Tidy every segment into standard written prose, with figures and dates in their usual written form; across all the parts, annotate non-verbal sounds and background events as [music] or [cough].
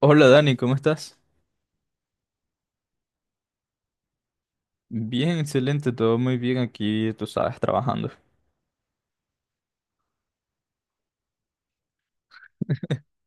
Hola Dani, ¿cómo estás? Bien, excelente, todo muy bien aquí, tú sabes, trabajando. [laughs]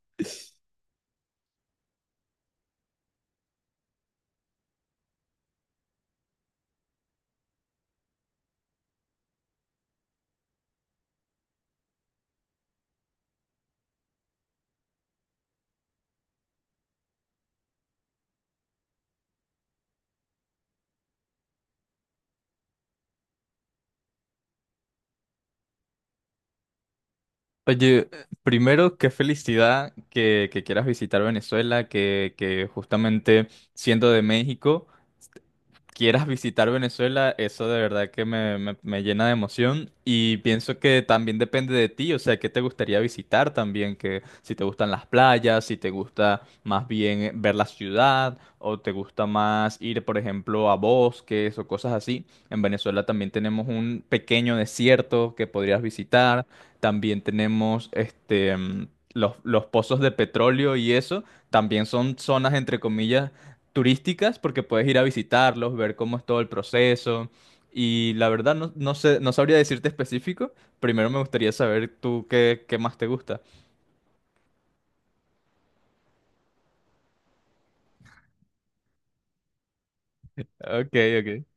Oye, primero, qué felicidad que quieras visitar Venezuela, que justamente siendo de México quieras visitar Venezuela. Eso de verdad que me llena de emoción y pienso que también depende de ti, o sea, qué te gustaría visitar también, que si te gustan las playas, si te gusta más bien ver la ciudad, o te gusta más ir, por ejemplo, a bosques o cosas así. En Venezuela también tenemos un pequeño desierto que podrías visitar, también tenemos los pozos de petróleo, y eso también son zonas, entre comillas, turísticas, porque puedes ir a visitarlos, ver cómo es todo el proceso. Y la verdad no, no sé, no sabría decirte específico. Primero me gustaría saber tú qué más te gusta. Ok, ok.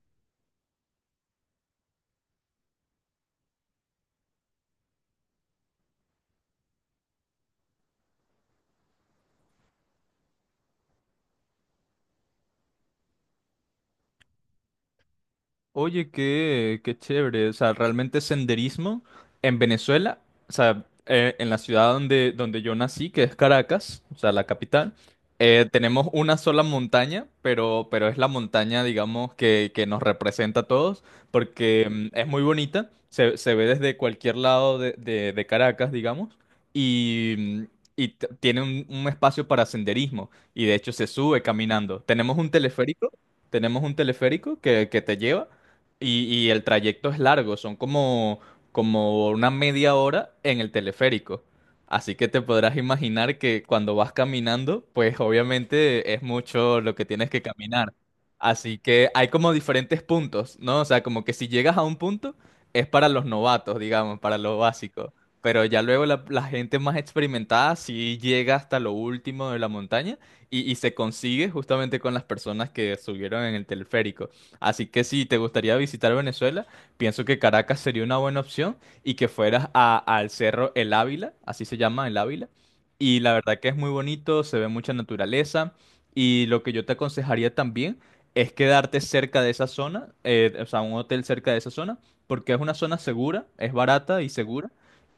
Oye, qué chévere. O sea, realmente senderismo en Venezuela, o sea, en la ciudad donde yo nací, que es Caracas, o sea, la capital, tenemos una sola montaña, pero es la montaña, digamos, que nos representa a todos, porque es muy bonita, se ve desde cualquier lado de, de Caracas, digamos, y, mm, y tiene un espacio para senderismo, y de hecho se sube caminando. Tenemos un teleférico. Tenemos un teleférico que te lleva, y el trayecto es largo, como una media hora en el teleférico. Así que te podrás imaginar que cuando vas caminando, pues obviamente es mucho lo que tienes que caminar. Así que hay como diferentes puntos, ¿no? O sea, como que si llegas a un punto, es para los novatos, digamos, para lo básico. Pero ya luego la gente más experimentada sí llega hasta lo último de la montaña, y se consigue justamente con las personas que subieron en el teleférico. Así que si te gustaría visitar Venezuela, pienso que Caracas sería una buena opción, y que fueras al Cerro El Ávila, así se llama El Ávila. Y la verdad que es muy bonito, se ve mucha naturaleza. Y lo que yo te aconsejaría también es quedarte cerca de esa zona, o sea, un hotel cerca de esa zona, porque es una zona segura, es barata y segura.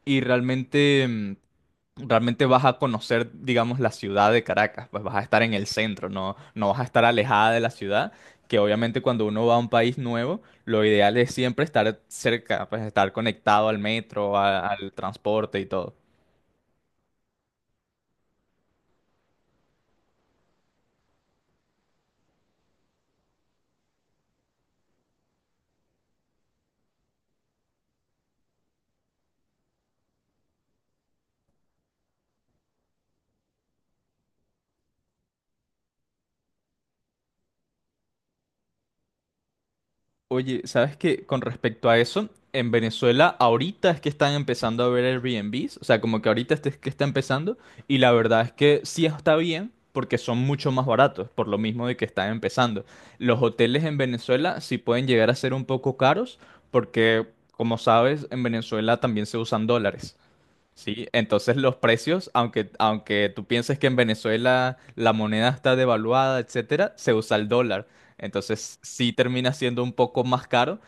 Y realmente vas a conocer, digamos, la ciudad de Caracas, pues vas a estar en el centro, no, no vas a estar alejada de la ciudad, que obviamente cuando uno va a un país nuevo, lo ideal es siempre estar cerca, pues estar conectado al metro, al transporte y todo. Oye, ¿sabes qué? Con respecto a eso, en Venezuela ahorita es que están empezando a ver Airbnbs, o sea, como que ahorita este es que está empezando, y la verdad es que sí está bien, porque son mucho más baratos, por lo mismo de que están empezando. Los hoteles en Venezuela sí pueden llegar a ser un poco caros porque, como sabes, en Venezuela también se usan dólares. Sí, entonces los precios, aunque tú pienses que en Venezuela la moneda está devaluada, etcétera, se usa el dólar. Entonces sí termina siendo un poco más caro,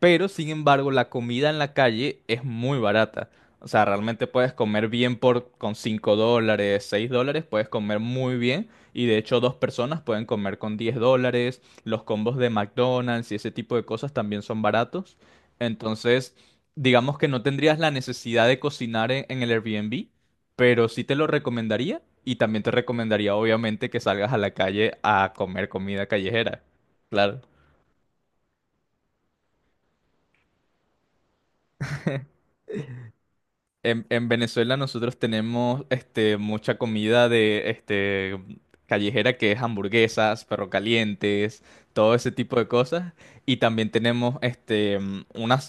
pero sin embargo la comida en la calle es muy barata. O sea, realmente puedes comer bien por con $5, $6, puedes comer muy bien. Y de hecho dos personas pueden comer con $10. Los combos de McDonald's y ese tipo de cosas también son baratos. Entonces digamos que no tendrías la necesidad de cocinar en el Airbnb, pero sí te lo recomendaría, y también te recomendaría obviamente que salgas a la calle a comer comida callejera. Claro. En Venezuela nosotros tenemos este, mucha comida de este, callejera, que es hamburguesas, perro calientes, todo ese tipo de cosas. Y también tenemos este, una...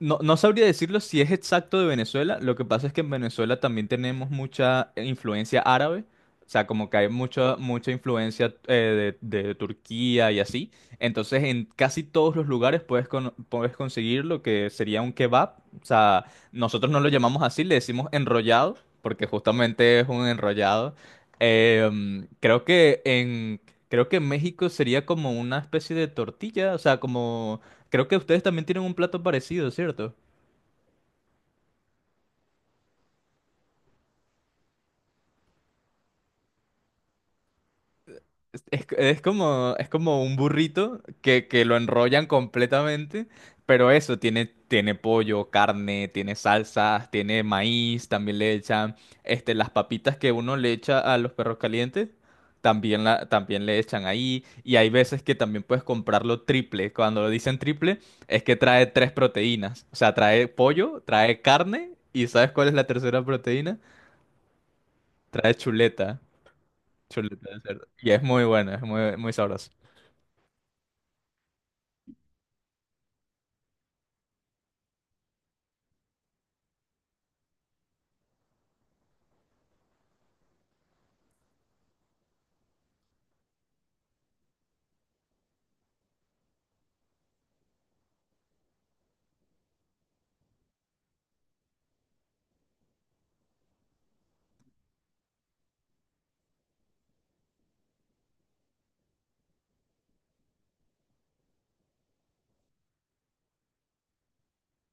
no, no sabría decirlo si es exacto de Venezuela. Lo que pasa es que en Venezuela también tenemos mucha influencia árabe. O sea, como que hay mucha, mucha influencia de Turquía y así. Entonces, en casi todos los lugares puedes, puedes conseguir lo que sería un kebab. O sea, nosotros no lo llamamos así, le decimos enrollado, porque justamente es un enrollado. Creo que creo que en México sería como una especie de tortilla. O sea, como... Creo que ustedes también tienen un plato parecido, ¿cierto? Es como un burrito que lo enrollan completamente, pero eso, tiene, tiene pollo, carne, tiene salsas, tiene maíz, también le echan este, las papitas que uno le echa a los perros calientes, también, la, también le echan ahí, y hay veces que también puedes comprarlo triple. Cuando lo dicen triple, es que trae tres proteínas, o sea, trae pollo, trae carne, y ¿sabes cuál es la tercera proteína? Trae chuleta. Chuleta de cerdo. Y es muy buena, es muy, muy sabrosa.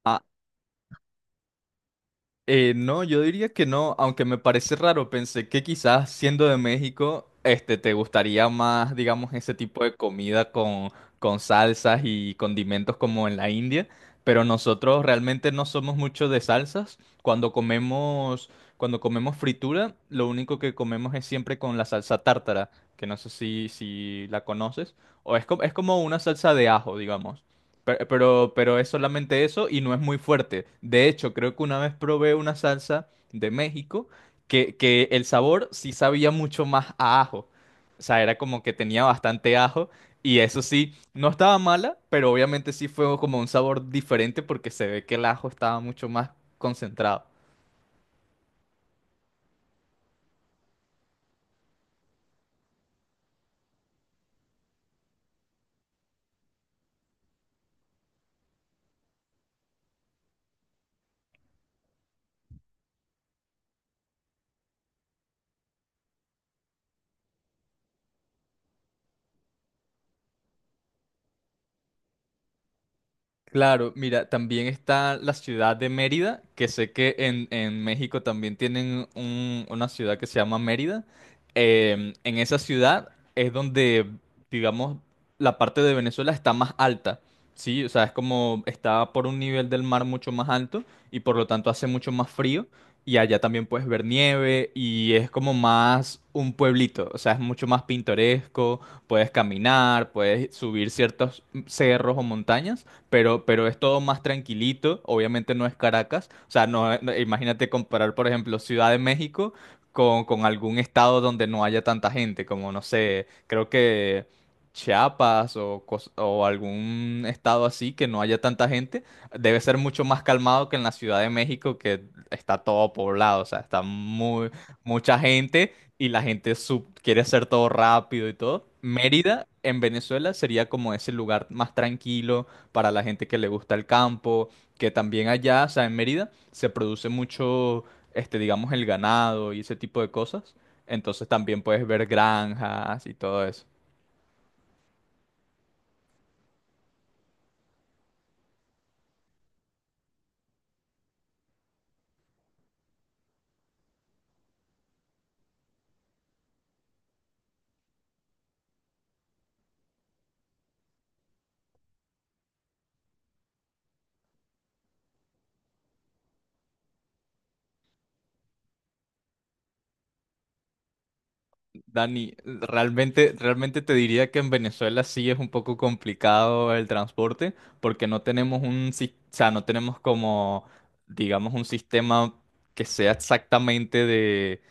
Ah, no, yo diría que no, aunque me parece raro, pensé que quizás siendo de México, este, te gustaría más, digamos, ese tipo de comida con salsas y condimentos como en la India, pero nosotros realmente no somos mucho de salsas. Cuando comemos fritura, lo único que comemos es siempre con la salsa tártara, que no sé si la conoces, es como una salsa de ajo, digamos. Pero es solamente eso y no es muy fuerte. De hecho, creo que una vez probé una salsa de México que el sabor sí sabía mucho más a ajo. O sea, era como que tenía bastante ajo, y eso sí, no estaba mala, pero obviamente sí fue como un sabor diferente porque se ve que el ajo estaba mucho más concentrado. Claro, mira, también está la ciudad de Mérida, que sé que en México también tienen una ciudad que se llama Mérida. En esa ciudad es donde, digamos, la parte de Venezuela está más alta, ¿sí? O sea, es como está por un nivel del mar mucho más alto, y por lo tanto hace mucho más frío. Y allá también puedes ver nieve, y es como más un pueblito, o sea, es mucho más pintoresco, puedes caminar, puedes subir ciertos cerros o montañas, pero es todo más tranquilito, obviamente no es Caracas, o sea, no, imagínate comparar, por ejemplo, Ciudad de México con algún estado donde no haya tanta gente, como, no sé, creo que... Chiapas o, o algún estado así que no haya tanta gente, debe ser mucho más calmado que en la Ciudad de México, que está todo poblado, o sea, está muy, mucha gente, y la gente quiere hacer todo rápido y todo. Mérida en Venezuela sería como ese lugar más tranquilo, para la gente que le gusta el campo, que también allá, o sea, en Mérida se produce mucho, este, digamos, el ganado y ese tipo de cosas. Entonces también puedes ver granjas y todo eso. Dani, realmente, realmente te diría que en Venezuela sí es un poco complicado el transporte, porque no tenemos o sea, no tenemos como, digamos, un sistema que sea exactamente de,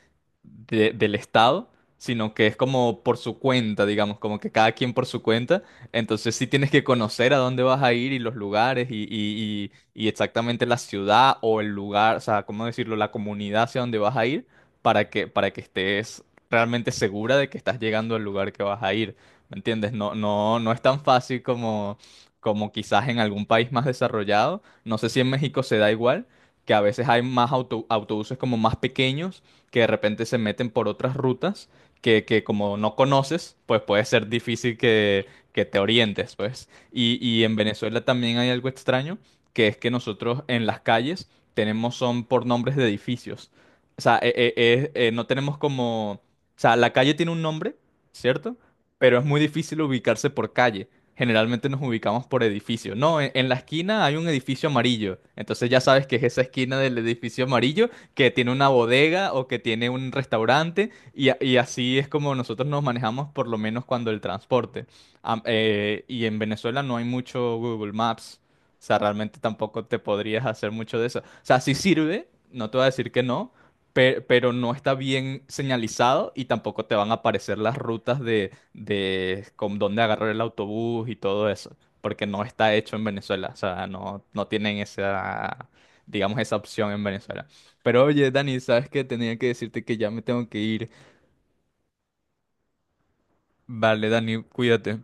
del Estado, sino que es como por su cuenta, digamos, como que cada quien por su cuenta. Entonces sí tienes que conocer a dónde vas a ir, y los lugares, y exactamente la ciudad o el lugar, o sea, ¿cómo decirlo? La comunidad hacia dónde vas a ir, para que estés realmente segura de que estás llegando al lugar que vas a ir, ¿me entiendes? No, no, no es tan fácil como, como quizás en algún país más desarrollado. No sé si en México se da igual, que a veces hay más autobuses como más pequeños que de repente se meten por otras rutas que como no conoces, pues puede ser difícil que te orientes, pues. Y en Venezuela también hay algo extraño, que es que nosotros en las calles tenemos son por nombres de edificios. O sea, no tenemos como... o sea, la calle tiene un nombre, ¿cierto? Pero es muy difícil ubicarse por calle. Generalmente nos ubicamos por edificio. No, en la esquina hay un edificio amarillo. Entonces ya sabes que es esa esquina del edificio amarillo que tiene una bodega o que tiene un restaurante. Y, y así es como nosotros nos manejamos, por lo menos cuando el transporte. Y en Venezuela no hay mucho Google Maps. O sea, realmente tampoco te podrías hacer mucho de eso. O sea, sí sirve, no te voy a decir que no, pero no está bien señalizado, y tampoco te van a aparecer las rutas de con dónde agarrar el autobús y todo eso, porque no está hecho en Venezuela, o sea, no, no tienen esa, digamos, esa opción en Venezuela. Pero oye, Dani, ¿sabes qué? Tenía que decirte que ya me tengo que ir. Vale, Dani, cuídate.